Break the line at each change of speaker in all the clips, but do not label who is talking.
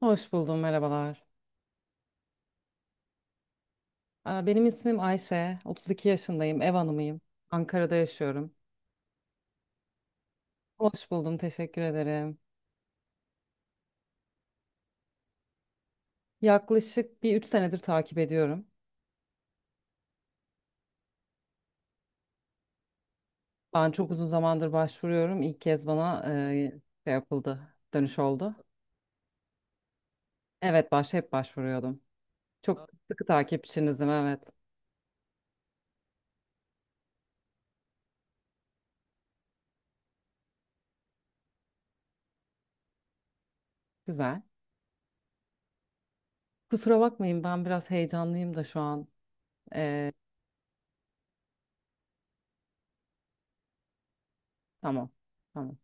Hoş buldum, merhabalar. Benim ismim Ayşe, 32 yaşındayım, ev hanımıyım. Ankara'da yaşıyorum. Hoş buldum, teşekkür ederim. Yaklaşık bir 3 senedir takip ediyorum. Ben çok uzun zamandır başvuruyorum. İlk kez bana şey yapıldı, dönüş oldu. Evet, hep başvuruyordum. Çok sıkı takipçinizim, evet. Güzel. Kusura bakmayın, ben biraz heyecanlıyım da şu an. E, tamam, tamam.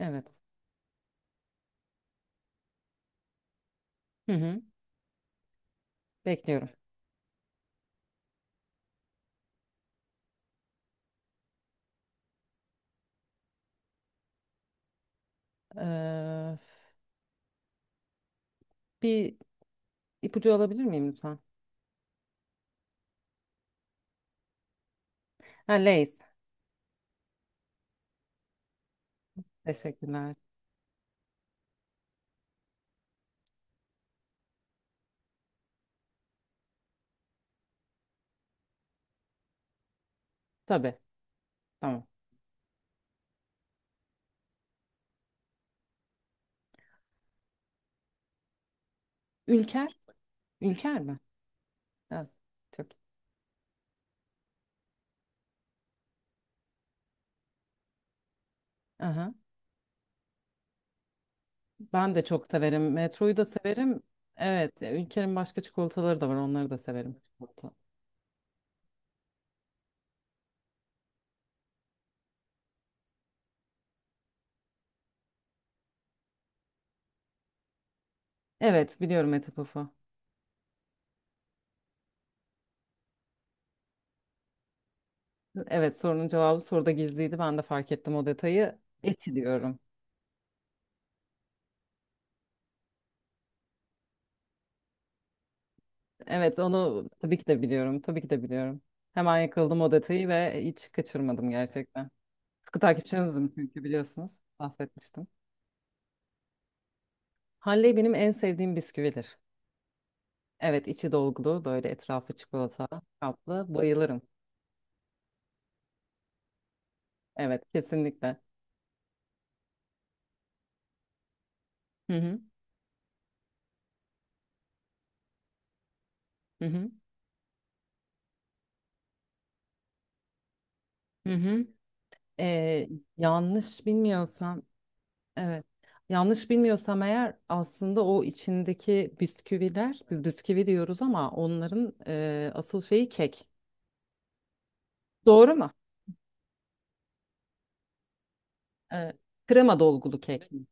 Evet. Hı hı, bekliyorum. Ee, bir ipucu alabilir miyim lütfen? Ha, Lay's. Teşekkürler. Tabii. Tamam. Ülker. Ülker mi? Evet. Çok. Aha. Ben de çok severim. Metroyu da severim. Evet. Ülker'in başka çikolataları da var. Onları da severim. Çikolata. Evet. Biliyorum Eti Puf'u. Evet. Sorunun cevabı soruda gizliydi. Ben de fark ettim o detayı. Eti diyorum. Evet. Onu tabii ki de biliyorum. Tabii ki de biliyorum. Hemen yakaladım o detayı ve hiç kaçırmadım gerçekten. Sıkı takipçinizim çünkü biliyorsunuz. Bahsetmiştim. Halley benim en sevdiğim bisküvidir. Evet, içi dolgulu, böyle etrafı çikolata kaplı. Bayılırım. Evet, kesinlikle. Hı hı, hı hı, hı hı. Ee, yanlış bilmiyorsam, evet. Yanlış bilmiyorsam eğer aslında o içindeki bisküviler, biz bisküvi diyoruz ama onların asıl şeyi kek. Doğru mu? Ee, krema dolgulu kek mi?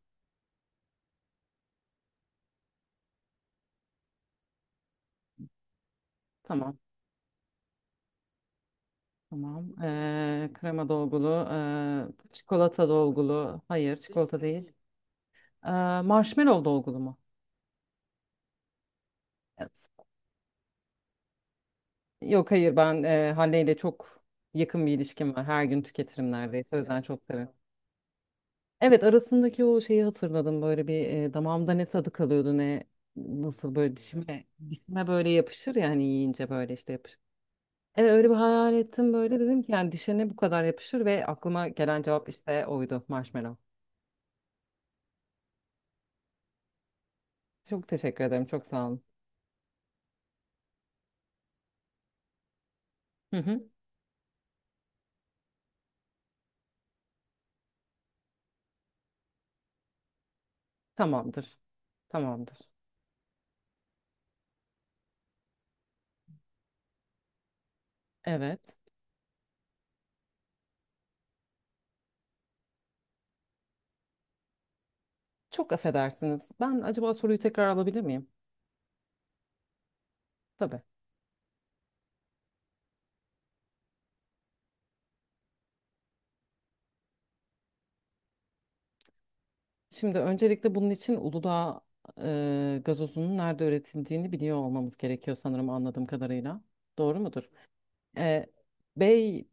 Tamam. Tamam. Krema dolgulu, çikolata dolgulu. Hayır, çikolata değil. Ee, marshmallow dolgulu mu? Yok hayır ben Hande ile çok yakın bir ilişkim var. Her gün tüketirim neredeyse. O yüzden çok severim. Evet, arasındaki o şeyi hatırladım. Böyle bir damağımda ne tadı kalıyordu, ne nasıl, böyle dişime böyle yapışır ya hani, yiyince böyle işte yapışır. Evet, öyle bir hayal ettim, böyle dedim ki yani dişe ne bu kadar yapışır ve aklıma gelen cevap işte oydu, marshmallow. Çok teşekkür ederim, çok sağ olun. Hı hı. Tamamdır. Tamamdır. Evet. Çok affedersiniz. Ben acaba soruyu tekrar alabilir miyim? Tabii. Şimdi öncelikle bunun için Uludağ gazozunun nerede üretildiğini biliyor olmamız gerekiyor sanırım, anladığım kadarıyla. Doğru mudur? E, Bey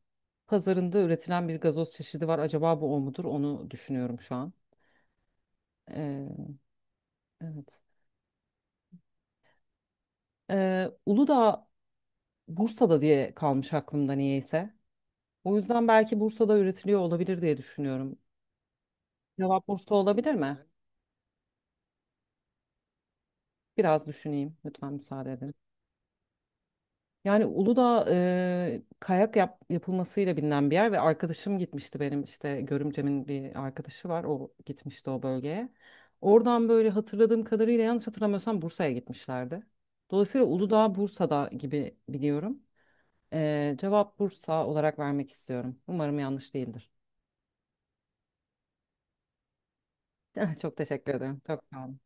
pazarında üretilen bir gazoz çeşidi var. Acaba bu o mudur? Onu düşünüyorum şu an. E, evet. Uludağ Bursa'da diye kalmış aklımda niyeyse. O yüzden belki Bursa'da üretiliyor olabilir diye düşünüyorum. Cevap Bursa olabilir mi? Biraz düşüneyim. Lütfen müsaade edin. Yani Uludağ, yapılmasıyla bilinen bir yer ve arkadaşım gitmişti benim, işte Görümcem'in bir arkadaşı var, o gitmişti o bölgeye. Oradan böyle hatırladığım kadarıyla, yanlış hatırlamıyorsam, Bursa'ya gitmişlerdi. Dolayısıyla Uludağ Bursa'da gibi biliyorum. Cevap Bursa olarak vermek istiyorum. Umarım yanlış değildir. Çok teşekkür ederim. Çok sağ olun.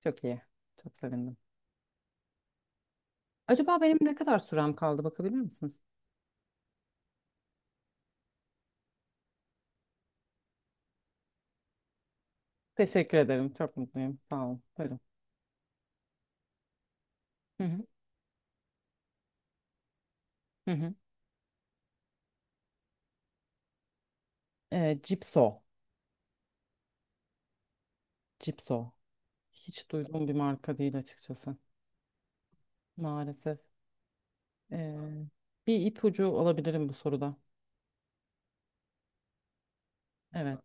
Çok iyi. Çok sevindim. Acaba benim ne kadar sürem kaldı, bakabilir misiniz? Teşekkür ederim. Çok mutluyum. Sağ olun. Buyurun. Hı hı. Hı hı. E, Cipso. Cipso. Hiç duyduğum bir marka değil açıkçası. Maalesef. E, bir ipucu alabilirim bu soruda. Evet.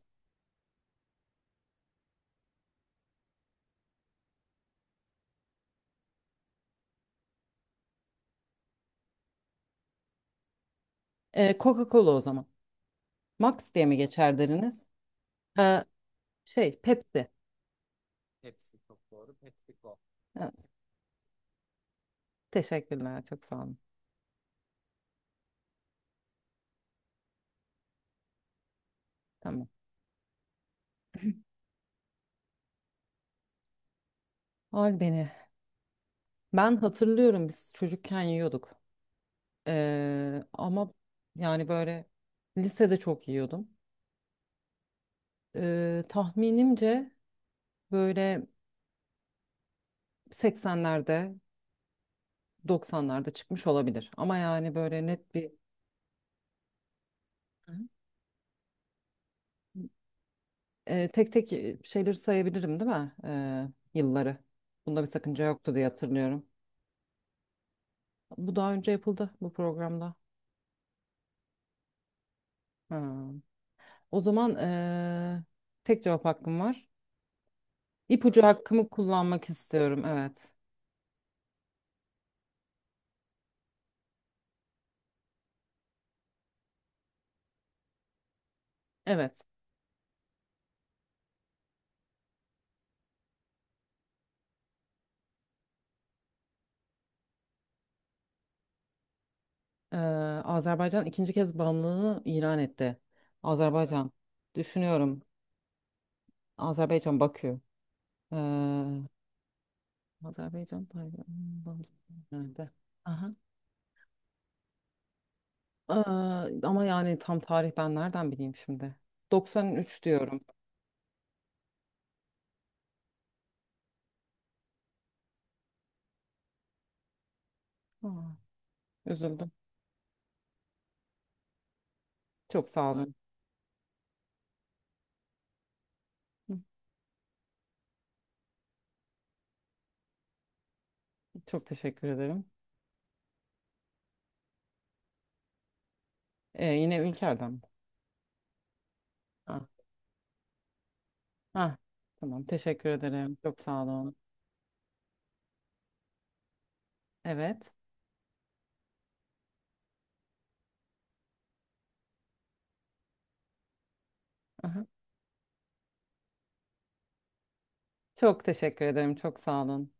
E, Coca-Cola o zaman. Max diye mi geçer deriniz? E, şey, Pepsi. Evet. Teşekkürler. Çok sağ olun. Tamam. Al beni. Ben hatırlıyorum, biz çocukken yiyorduk. E, ama yani böyle lisede çok yiyordum. Tahminimce böyle 80'lerde 90'larda çıkmış olabilir. Ama yani böyle net bir Hı hı. Tek tek şeyleri sayabilirim değil mi? E, yılları. Bunda bir sakınca yoktu diye hatırlıyorum. Bu daha önce yapıldı bu programda. Ha. O zaman tek cevap hakkım var. İpucu hakkımı kullanmak istiyorum. Evet. Evet. E, Azerbaycan ikinci kez bağımlılığını ilan etti. Azerbaycan. Düşünüyorum. Azerbaycan Bakü. E, Azerbaycan Tayvan, bağımsız- nerede? Aa, ama yani tam tarih ben nereden bileyim şimdi? 93 diyorum. Aa, üzüldüm. Çok sağ olun. Hı. Çok teşekkür ederim. Yine Ülker'den mi? Ha. Ha, tamam, teşekkür ederim. Çok sağ olun. Evet. Aha. Çok teşekkür ederim. Çok sağ olun.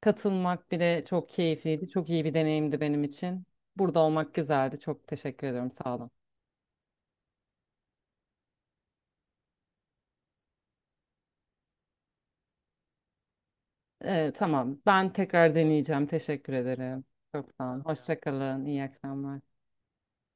Katılmak bile çok keyifliydi. Çok iyi bir deneyimdi benim için. Burada olmak güzeldi. Çok teşekkür ederim. Sağ olun. Tamam. Ben tekrar deneyeceğim. Teşekkür ederim. Çok sağ olun. Hoşça kalın. İyi akşamlar.